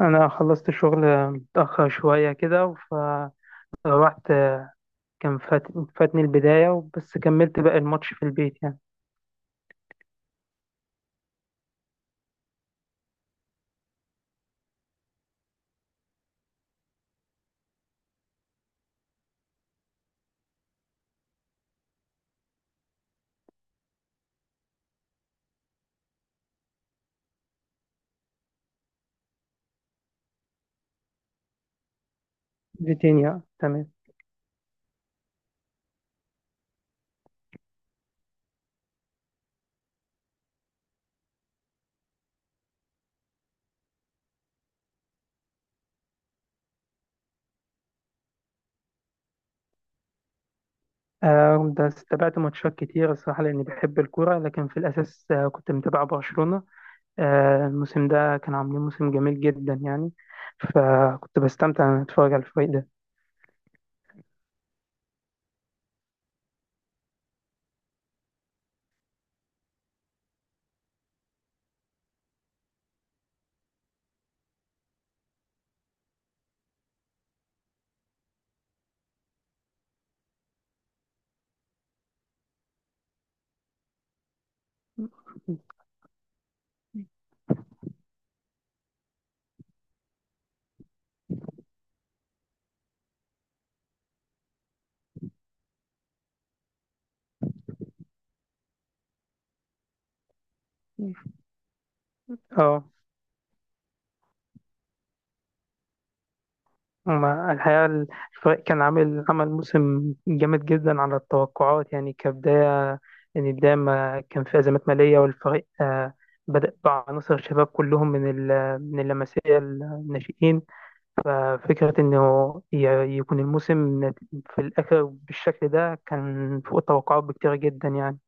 انا خلصت شغل متاخر شويه كده فروحت. كان فات... فاتني البدايه، بس كملت باقي الماتش في البيت يعني. فيتينيا، تمام. آه، بس تابعت ماتشات كتير الصراحه، لاني بحب الكوره، لكن في الاساس كنت متابع برشلونه. الموسم ده كان عاملين موسم جميل جدا يعني. فكنت بستمتع ان اتفرج على الفريق ده. اه هما الحقيقة الفريق كان عمل موسم جامد جدا على التوقعات يعني، كبداية. يعني بداية ما كان في أزمات مالية، والفريق بدأ بعناصر الشباب كلهم من اللمسية الناشئين. ففكرة إنه يكون الموسم في الآخر بالشكل ده كان فوق التوقعات بكتير جدا يعني.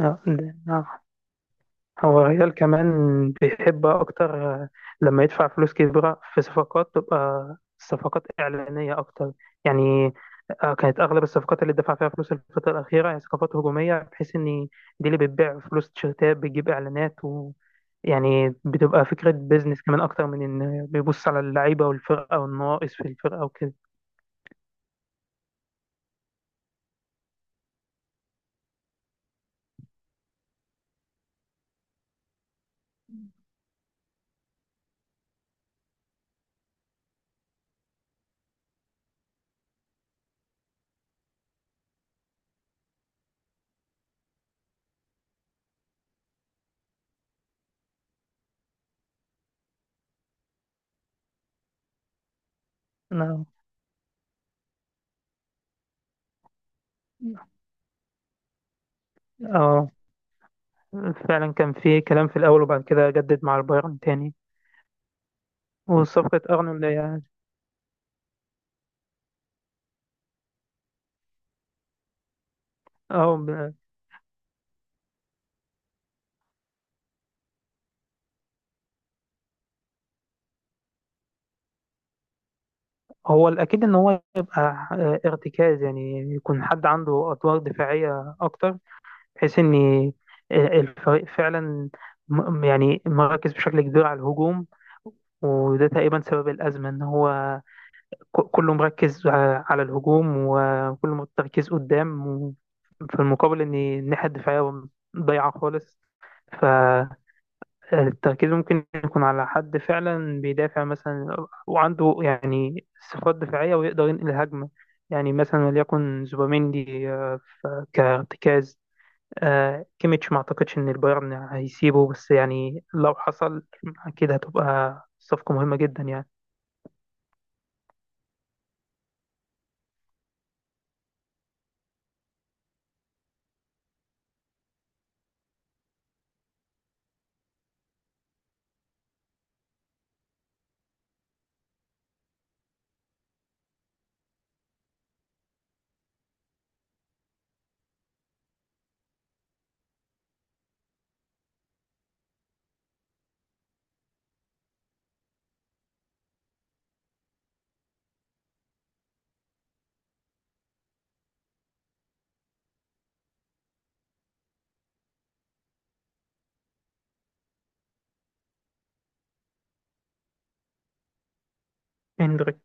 آه، ده- آه. هو الريال كمان بيحب أكتر لما يدفع فلوس كبيرة في صفقات تبقى صفقات إعلانية أكتر يعني. كانت أغلب الصفقات اللي دفع فيها فلوس الفترة الأخيرة هي صفقات هجومية، بحيث إن دي اللي بتبيع فلوس تيشيرتات بتجيب إعلانات، ويعني بتبقى فكرة بيزنس كمان أكتر من إن بيبص على اللعيبة والفرقة والنواقص في الفرقة وكده. أنا اه فعلا كان في كلام في الأول، وبعد كده جدد مع البايرن تاني. وصفقة أرنولد هي- اه هو الأكيد إن هو يبقى ارتكاز، يعني يكون حد عنده أدوار دفاعية أكتر، بحيث إن الفريق فعلا يعني مركز بشكل كبير على الهجوم، وده تقريبا سبب الأزمة إن هو كله مركز على الهجوم، وكله تركيز قدام في المقابل إن الناحية الدفاعية ضايعة خالص. التركيز ممكن يكون على حد فعلا بيدافع مثلا وعنده يعني صفات دفاعية ويقدر ينقل الهجمة، يعني مثلا وليكن زوبيميندي، ف- كارتكاز. كيميتش، ما اعتقدش ان البايرن هيسيبه، بس يعني لو حصل اكيد هتبقى صفقة مهمة جدا يعني. هندريك.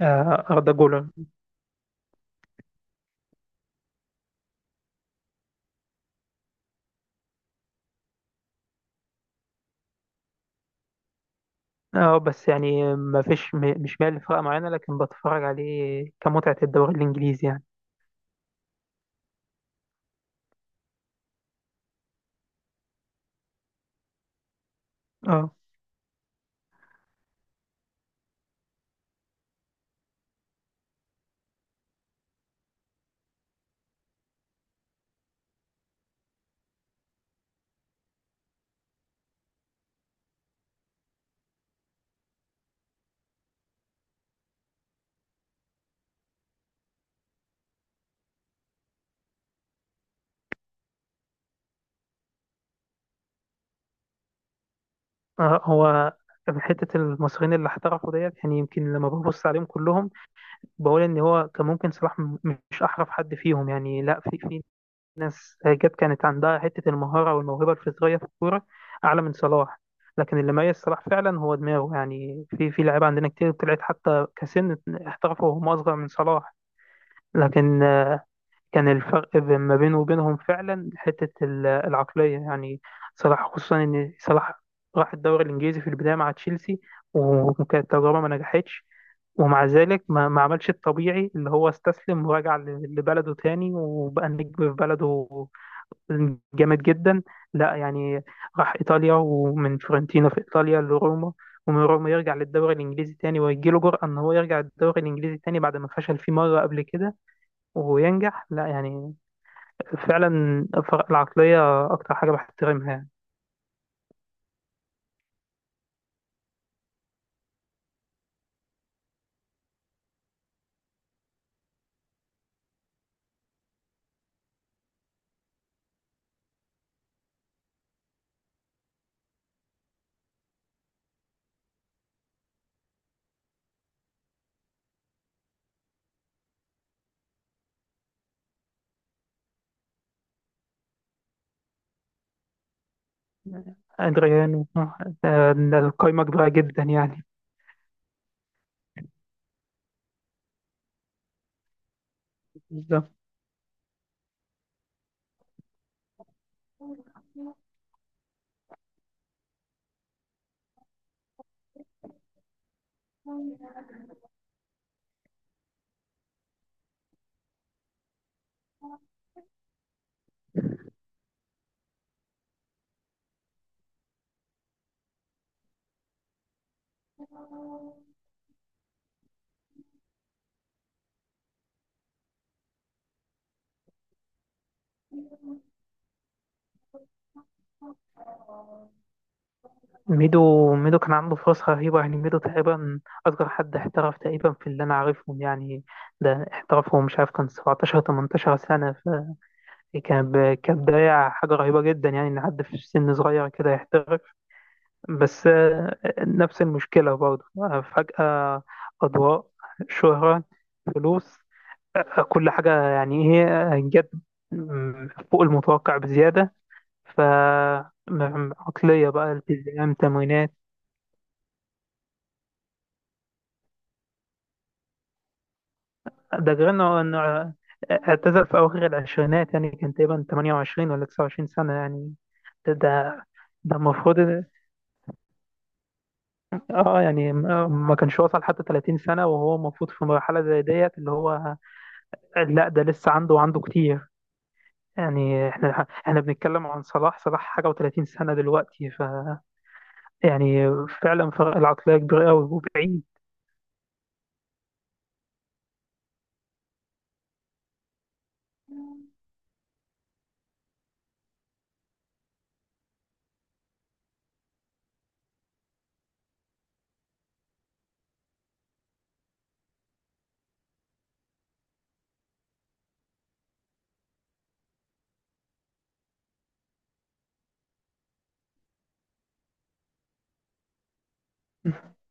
أردا جولر. اه، بس يعني ما فيش م- مش مال لفرقة معينة، لكن بتفرج عليه كمتعة الدوري الإنجليزي يعني. اه. هو في حتة المصريين اللي احترفوا ديت، يعني يمكن لما ببص عليهم كلهم، بقول إن هو كان ممكن صلاح مش أحرف حد فيهم، يعني لا، في ناس جت كانت عندها حتة المهارة والموهبة الفطرية في الكورة أعلى من صلاح. لكن اللي ميز صلاح فعلا هو دماغه، يعني في لعيبة عندنا كتير طلعت حتى كسن، احترفوا وهم أصغر من صلاح. لكن كان الفرق ما بينه وبينهم فعلا حتة العقلية يعني. صلاح، خصوصا إن صلاح راح الدوري الإنجليزي في البداية مع تشيلسي، وكانت تجربة ما نجحتش. ومع ذلك ما عملش الطبيعي، اللي هو استسلم ورجع لبلده تاني وبقى نجم في بلده جامد جدا. لا يعني، راح إيطاليا، ومن فيورنتينا في إيطاليا لروما، ومن روما يرجع للدوري الإنجليزي تاني، ويجيله جرأة إن هو يرجع للدوري الإنجليزي تاني بعد ما فشل فيه مرة قبل كده، وينجح. لا يعني، فعلا الفرق العقلية أكتر حاجة بحترمها. يعني أدريانو. آه، القايمة كبيرة جدا يعني. بالظبط. ميدو، ميدو كان عنده فرص رهيبة يعني. ميدو تقريبا أصغر حد احترف تقريبا في اللي أنا عارفهم يعني. ده احترفه، مش عارف، كان 17 18 سنة. فكان ب- كان بداية حاجة رهيبة جدا، يعني إن حد في سن صغير كده يحترف. بس نفس المشكلة برضه. فجأة، أضواء، شهرة، فلوس، كل حاجة يعني، هي جت فوق المتوقع بزيادة. ف عقلية بقى، التزام، تمرينات. ده غير إنه اعتزل في أواخر العشرينات، يعني كان تقريبا 28 ولا 29 سنة يعني. ده ده ده المفروض. اه، يعني ما كانش وصل حتى 30 سنة، وهو المفروض في مرحلة زي ديت اللي هو. لا، ده لسه عنده وعنده كتير. يعني احنا بنتكلم عن صلاح. صلاح حاجة و30 سنة دلوقتي، ف يعني فعلا فرق العقلية كبير قوي وبعيد.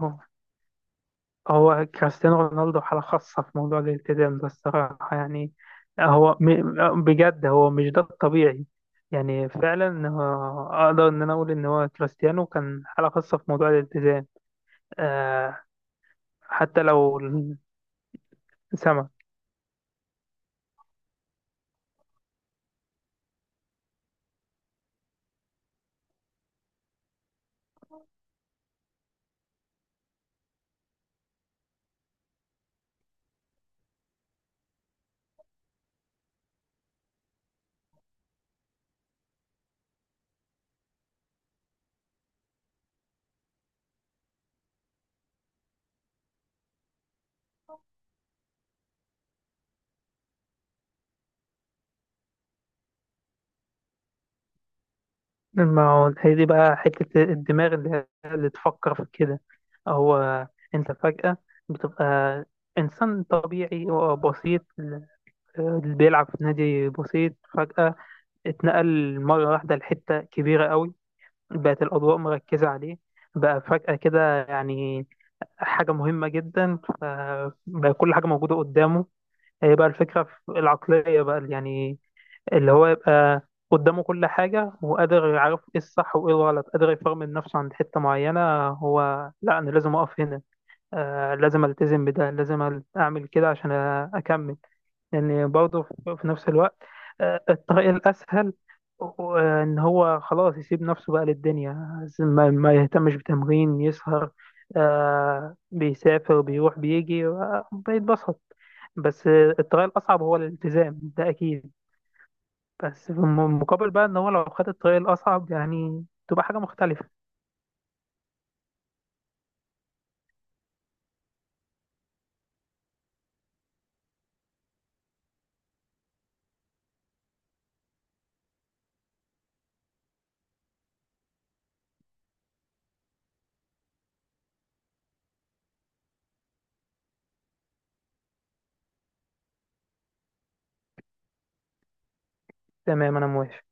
هو هو كريستيانو رونالدو حالة خاصة في موضوع الالتزام ده الصراحة يعني. هو بجد، هو مش ده الطبيعي، يعني فعلا أقدر إن أنا أقول إن هو كريستيانو كان حالة خاصة في موضوع الالتزام. آه حتى لو سما. ما هو هي دي بقى حتة الدماغ اللي تفكر في كده. هو، أنت فجأة بتبقى إنسان طبيعي وبسيط آه، اللي بيلعب في نادي بسيط فجأة اتنقل مرة واحدة لحتة كبيرة قوي بقت الأضواء مركزة عليه بقى فجأة كده يعني حاجة مهمة جدا فبقى كل حاجة موجودة قدامه هي بقى الفكرة في العقلية بقى يعني اللي هو يبقى قدامه كل حاجة وقادر يعرف ايه الصح وايه الغلط قادر يفرمل نفسه عند حتة معينة هو لا أنا لازم أقف هنا، لازم ألتزم بده، لازم أعمل كده عشان أكمل. يعني برضه في نفس الوقت، الطريق الأسهل إن هو خلاص يسيب نفسه بقى للدنيا، ما يهتمش بتمرين، يسهر، بيسافر، بيروح، بيجي، بيتبسط. بس الطريق الأصعب هو الالتزام ده أكيد. بس في المقابل بقى إن هو لو خد الطريق الأصعب، يعني تبقى حاجة مختلفة. تمام، أنا موافق.